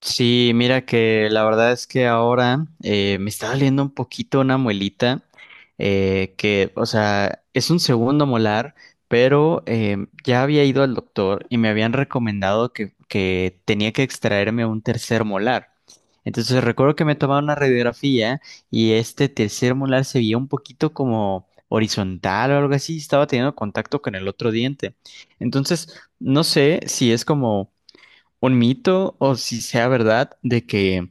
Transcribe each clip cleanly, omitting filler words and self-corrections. Sí, mira que la verdad es que ahora me está doliendo un poquito una muelita, es un segundo molar, pero ya había ido al doctor y me habían recomendado que tenía que extraerme un tercer molar. Entonces recuerdo que me tomaba una radiografía y este tercer molar se veía un poquito como horizontal o algo así, estaba teniendo contacto con el otro diente. Entonces, no sé si es como un mito o si sea verdad de que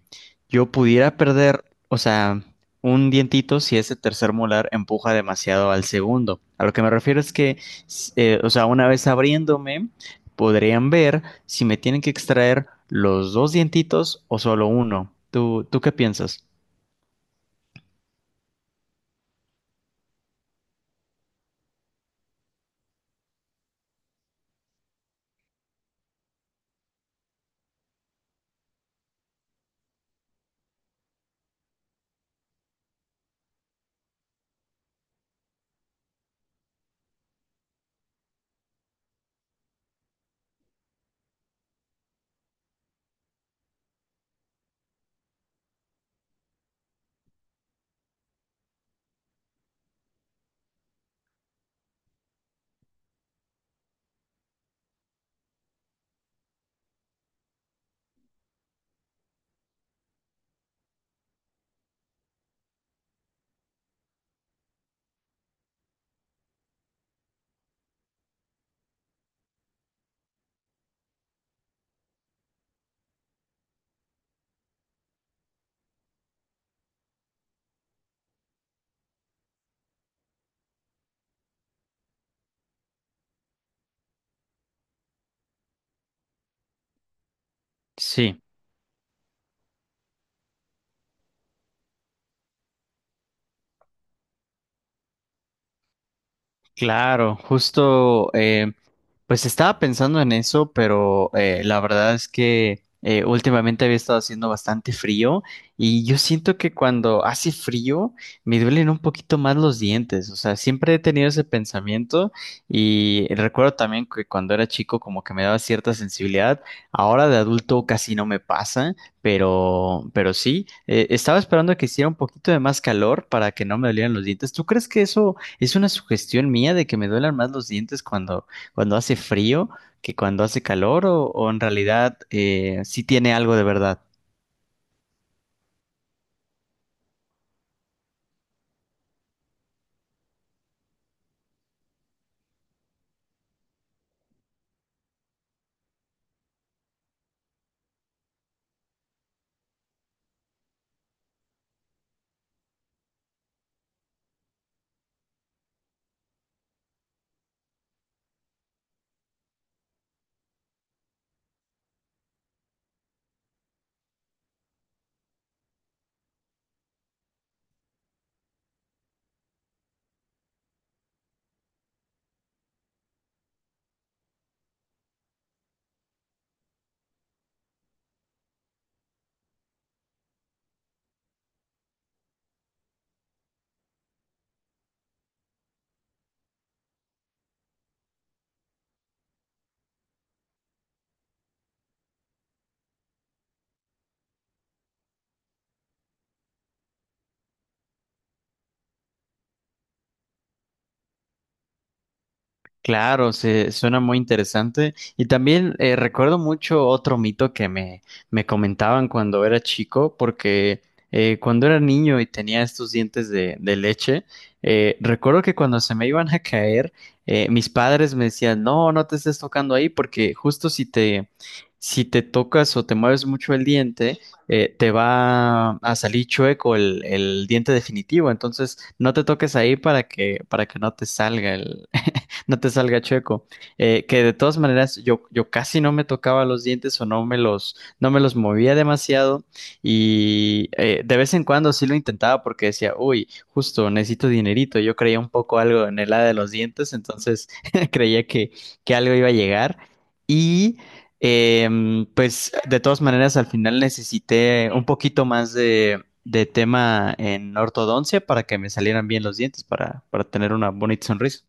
yo pudiera perder, o sea, un dientito si ese tercer molar empuja demasiado al segundo. A lo que me refiero es que, una vez abriéndome, podrían ver si me tienen que extraer los dos dientitos o solo uno. ¿¿Tú qué piensas? Sí. Claro, justo, pues estaba pensando en eso, pero la verdad es que últimamente había estado haciendo bastante frío y yo siento que cuando hace frío me duelen un poquito más los dientes, o sea, siempre he tenido ese pensamiento y recuerdo también que cuando era chico como que me daba cierta sensibilidad, ahora de adulto casi no me pasa, pero sí, estaba esperando que hiciera un poquito de más calor para que no me dolieran los dientes. ¿Tú crees que eso... es una sugestión mía de que me duelan más los dientes cuando hace frío que cuando hace calor o en realidad sí tiene algo de verdad? Claro, se, suena muy interesante. Y también recuerdo mucho otro mito que me comentaban cuando era chico, porque cuando era niño y tenía estos dientes de leche, recuerdo que cuando se me iban a caer, mis padres me decían, no, no te estés tocando ahí, porque justo si te, si te tocas o te mueves mucho el diente, te va a salir chueco el diente definitivo. Entonces, no te toques ahí para que no te salga el no te salga chueco. Que de todas maneras yo, yo casi no me tocaba los dientes o no me los, no me los movía demasiado y de vez en cuando sí lo intentaba porque decía, uy, justo necesito dinerito. Yo creía un poco algo en el área de los dientes, entonces creía que algo iba a llegar y... pues de todas maneras al final necesité un poquito más de tema en ortodoncia para que me salieran bien los dientes, para tener una bonita sonrisa.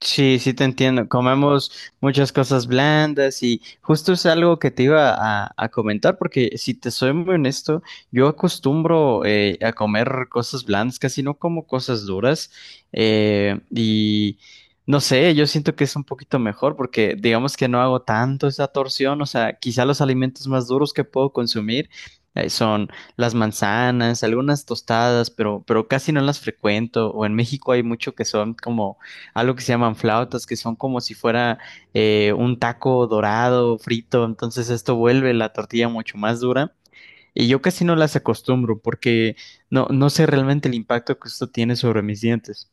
Sí, sí te entiendo. Comemos muchas cosas blandas y justo es algo que te iba a comentar porque si te soy muy honesto, yo acostumbro a comer cosas blandas, casi no como cosas duras, y no sé, yo siento que es un poquito mejor porque digamos que no hago tanto esa torsión, o sea, quizá los alimentos más duros que puedo consumir son las manzanas, algunas tostadas, pero casi no las frecuento. O en México hay mucho que son como algo que se llaman flautas, que son como si fuera un taco dorado, frito, entonces esto vuelve la tortilla mucho más dura. Y yo casi no las acostumbro porque no, no sé realmente el impacto que esto tiene sobre mis dientes.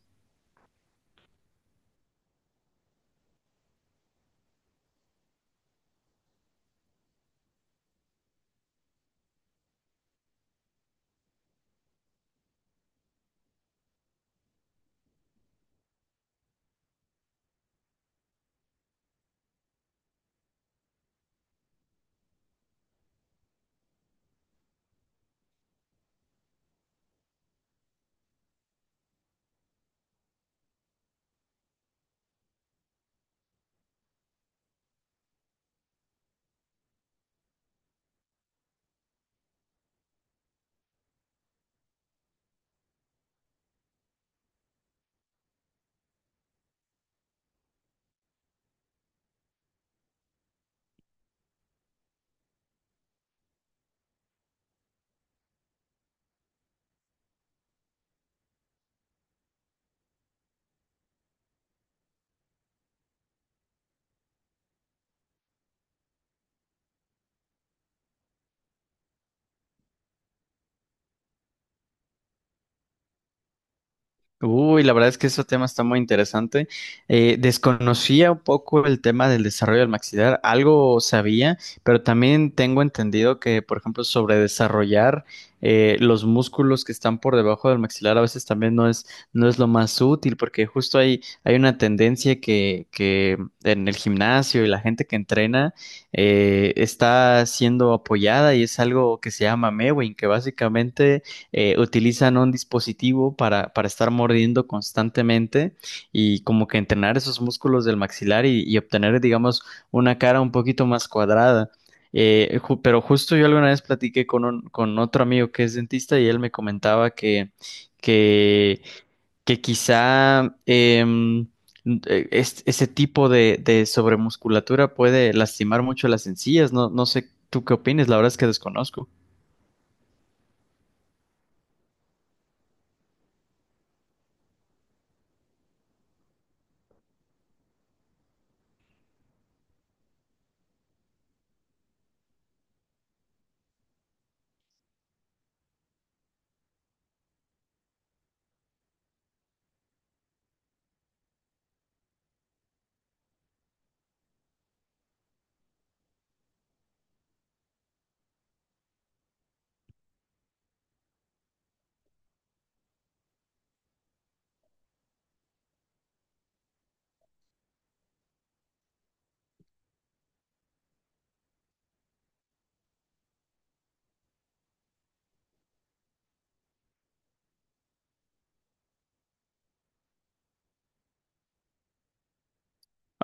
Uy, la verdad es que ese tema está muy interesante. Desconocía un poco el tema del desarrollo del maxilar, algo sabía, pero también tengo entendido que, por ejemplo, sobre desarrollar los músculos que están por debajo del maxilar a veces también no es, no es lo más útil, porque justo hay, hay una tendencia que en el gimnasio y la gente que entrena está siendo apoyada, y es algo que se llama mewing, que básicamente utilizan un dispositivo para estar mordiendo constantemente y como que entrenar esos músculos del maxilar y obtener, digamos, una cara un poquito más cuadrada. Pero justo yo alguna vez platiqué con otro amigo que es dentista y él me comentaba que, que quizá ese tipo de sobremusculatura puede lastimar mucho las encías. No, no sé tú qué opinas, la verdad es que desconozco.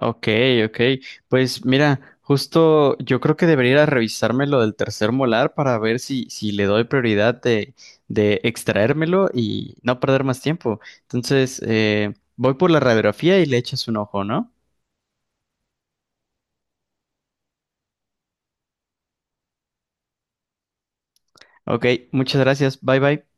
Ok, ok. Pues mira, justo yo creo que debería ir a revisarme lo del tercer molar para ver si, si le doy prioridad de extraérmelo y no perder más tiempo. Entonces, voy por la radiografía y le echas un ojo, ¿no? Ok, muchas gracias. Bye bye.